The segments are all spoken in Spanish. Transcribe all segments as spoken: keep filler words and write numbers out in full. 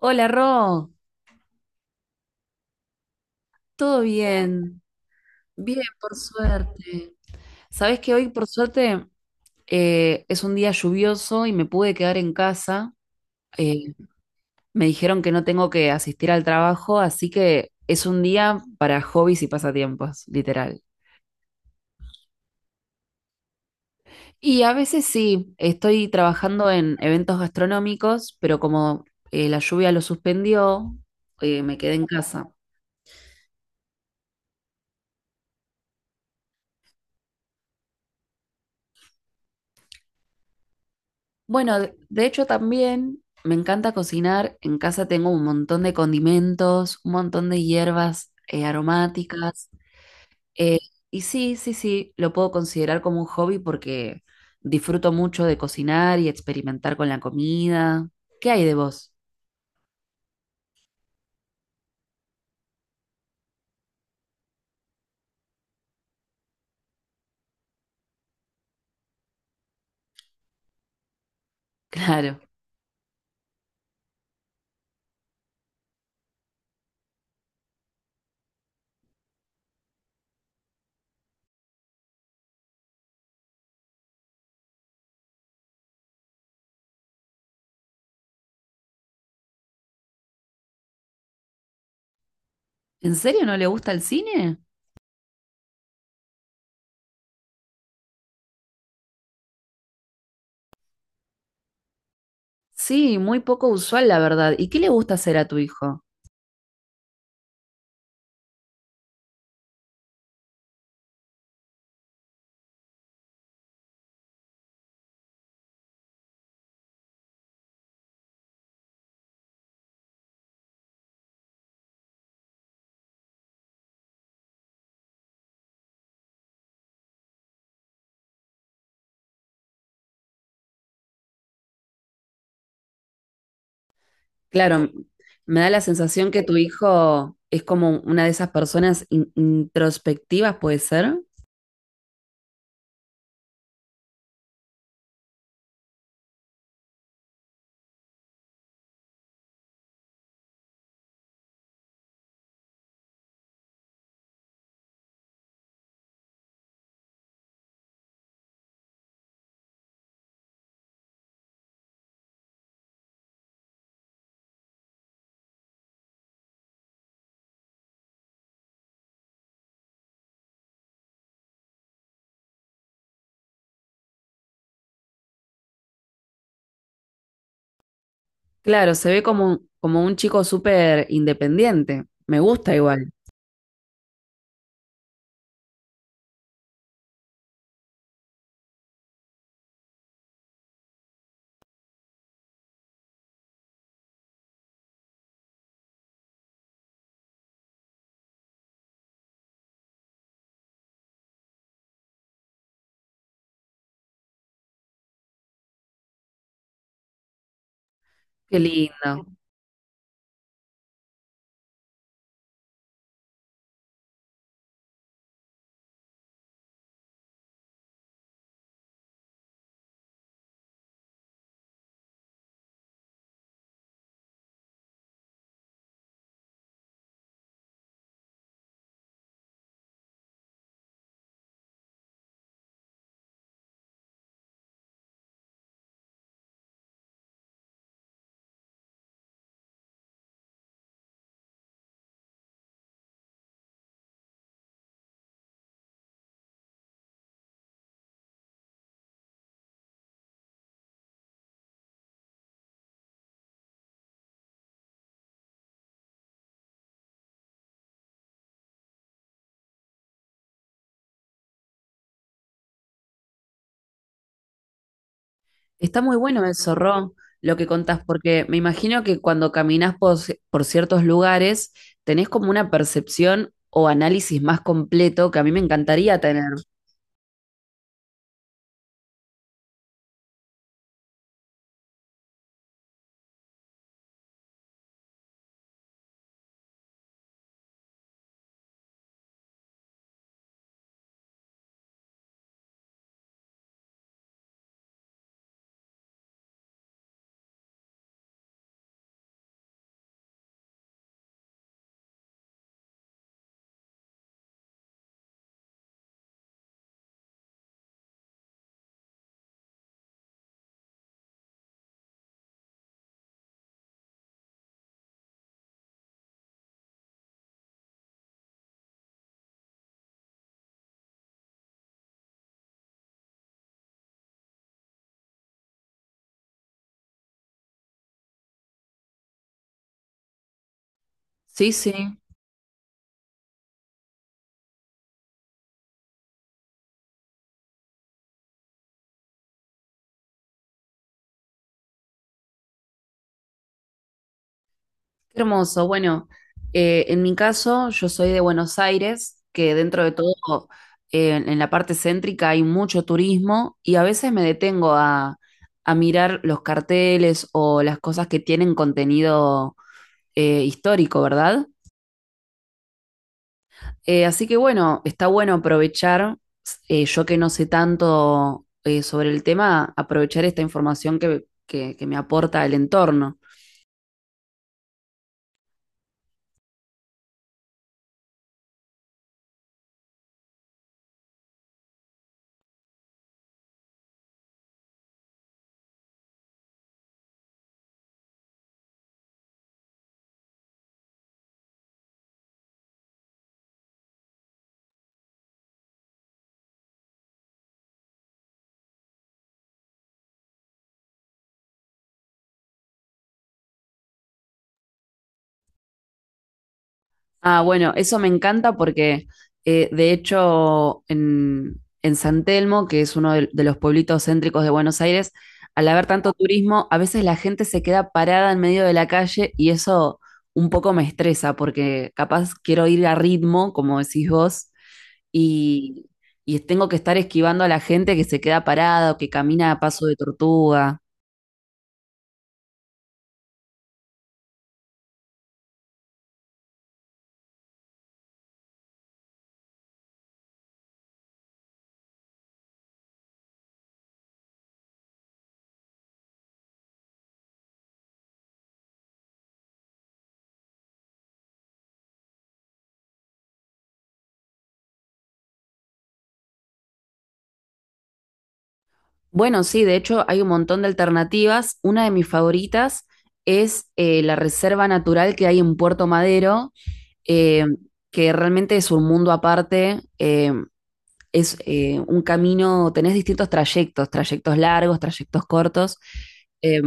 Hola, Ro, ¿todo bien? Bien, por suerte. Sabés que hoy, por suerte, eh, es un día lluvioso y me pude quedar en casa. Eh, Me dijeron que no tengo que asistir al trabajo, así que es un día para hobbies y pasatiempos, literal. Y a veces sí, estoy trabajando en eventos gastronómicos, pero como eh, la lluvia lo suspendió, eh, me quedé en casa. Bueno, de de hecho también me encanta cocinar. En casa tengo un montón de condimentos, un montón de hierbas eh, aromáticas. Eh, y sí, sí, sí, lo puedo considerar como un hobby porque disfruto mucho de cocinar y experimentar con la comida. ¿Qué hay de vos? Claro. ¿En serio no le gusta el cine? Sí, muy poco usual, la verdad. ¿Y qué le gusta hacer a tu hijo? Claro, me da la sensación que tu hijo es como una de esas personas in- introspectivas, ¿puede ser? Claro, se ve como, como un chico súper independiente. Me gusta igual. Qué lindo. Está muy bueno eso, Ro, lo que contás, porque me imagino que cuando caminás por, ci- por ciertos lugares tenés como una percepción o análisis más completo que a mí me encantaría tener. Sí, sí. Qué hermoso. Bueno, eh, en mi caso, yo soy de Buenos Aires, que dentro de todo, eh, en la parte céntrica hay mucho turismo y a veces me detengo a, a mirar los carteles o las cosas que tienen contenido eh, histórico, ¿verdad? Eh, así que bueno, está bueno aprovechar, eh, yo que no sé tanto eh, sobre el tema, aprovechar esta información que, que que me aporta el entorno. Ah, bueno, eso me encanta porque eh, de hecho en, en San Telmo, que es uno de, de los pueblitos céntricos de Buenos Aires, al haber tanto turismo, a veces la gente se queda parada en medio de la calle y eso un poco me estresa porque capaz quiero ir a ritmo, como decís vos, y, y tengo que estar esquivando a la gente que se queda parada o que camina a paso de tortuga. Bueno, sí, de hecho hay un montón de alternativas. Una de mis favoritas es eh, la reserva natural que hay en Puerto Madero, eh, que realmente es un mundo aparte. Eh, es eh, un camino, tenés distintos trayectos, trayectos largos, trayectos cortos, eh,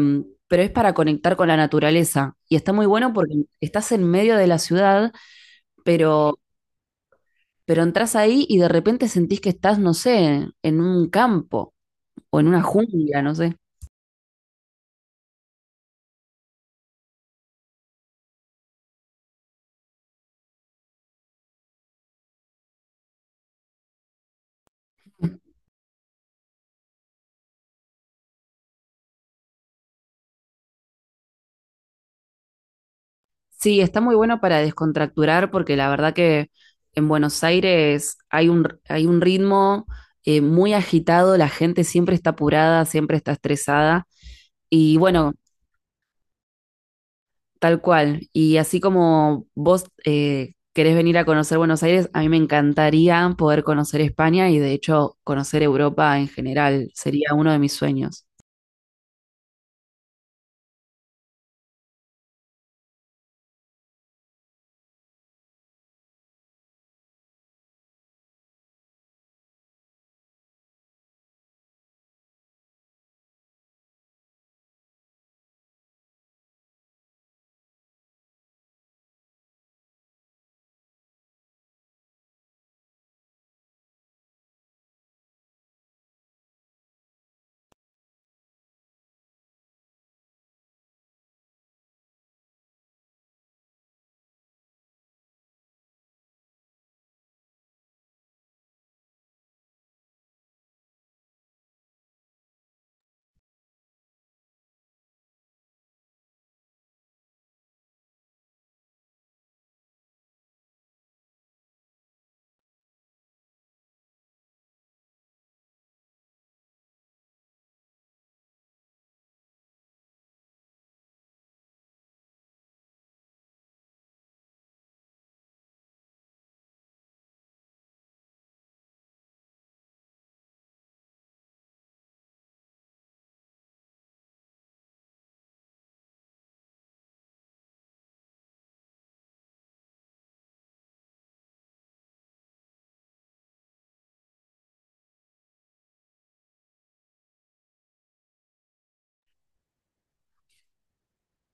pero es para conectar con la naturaleza. Y está muy bueno porque estás en medio de la ciudad, pero, pero entras ahí y de repente sentís que estás, no sé, en un campo o en una jungla, no sé. Sí, está muy bueno para descontracturar porque la verdad que en Buenos Aires hay un, hay un ritmo eh, muy agitado, la gente siempre está apurada, siempre está estresada y bueno, tal cual. Y así como vos eh, querés venir a conocer Buenos Aires, a mí me encantaría poder conocer España y de hecho conocer Europa en general, sería uno de mis sueños.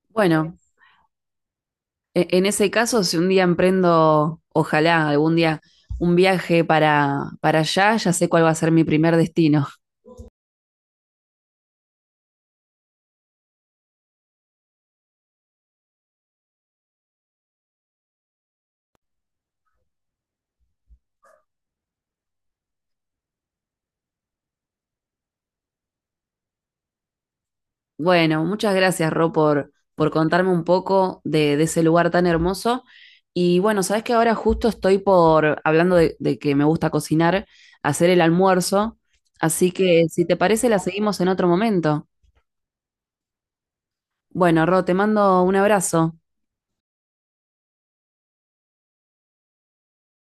Bueno, E- En ese caso, si un día emprendo, ojalá algún día, un viaje para, para allá, ya sé cuál va a ser mi primer destino. Bueno, muchas gracias, Ro, por, por contarme un poco de, de ese lugar tan hermoso. Y bueno, sabes que ahora justo estoy por, hablando de, de que me gusta cocinar, hacer el almuerzo. Así que si te parece, la seguimos en otro momento. Bueno, Ro, te mando un abrazo.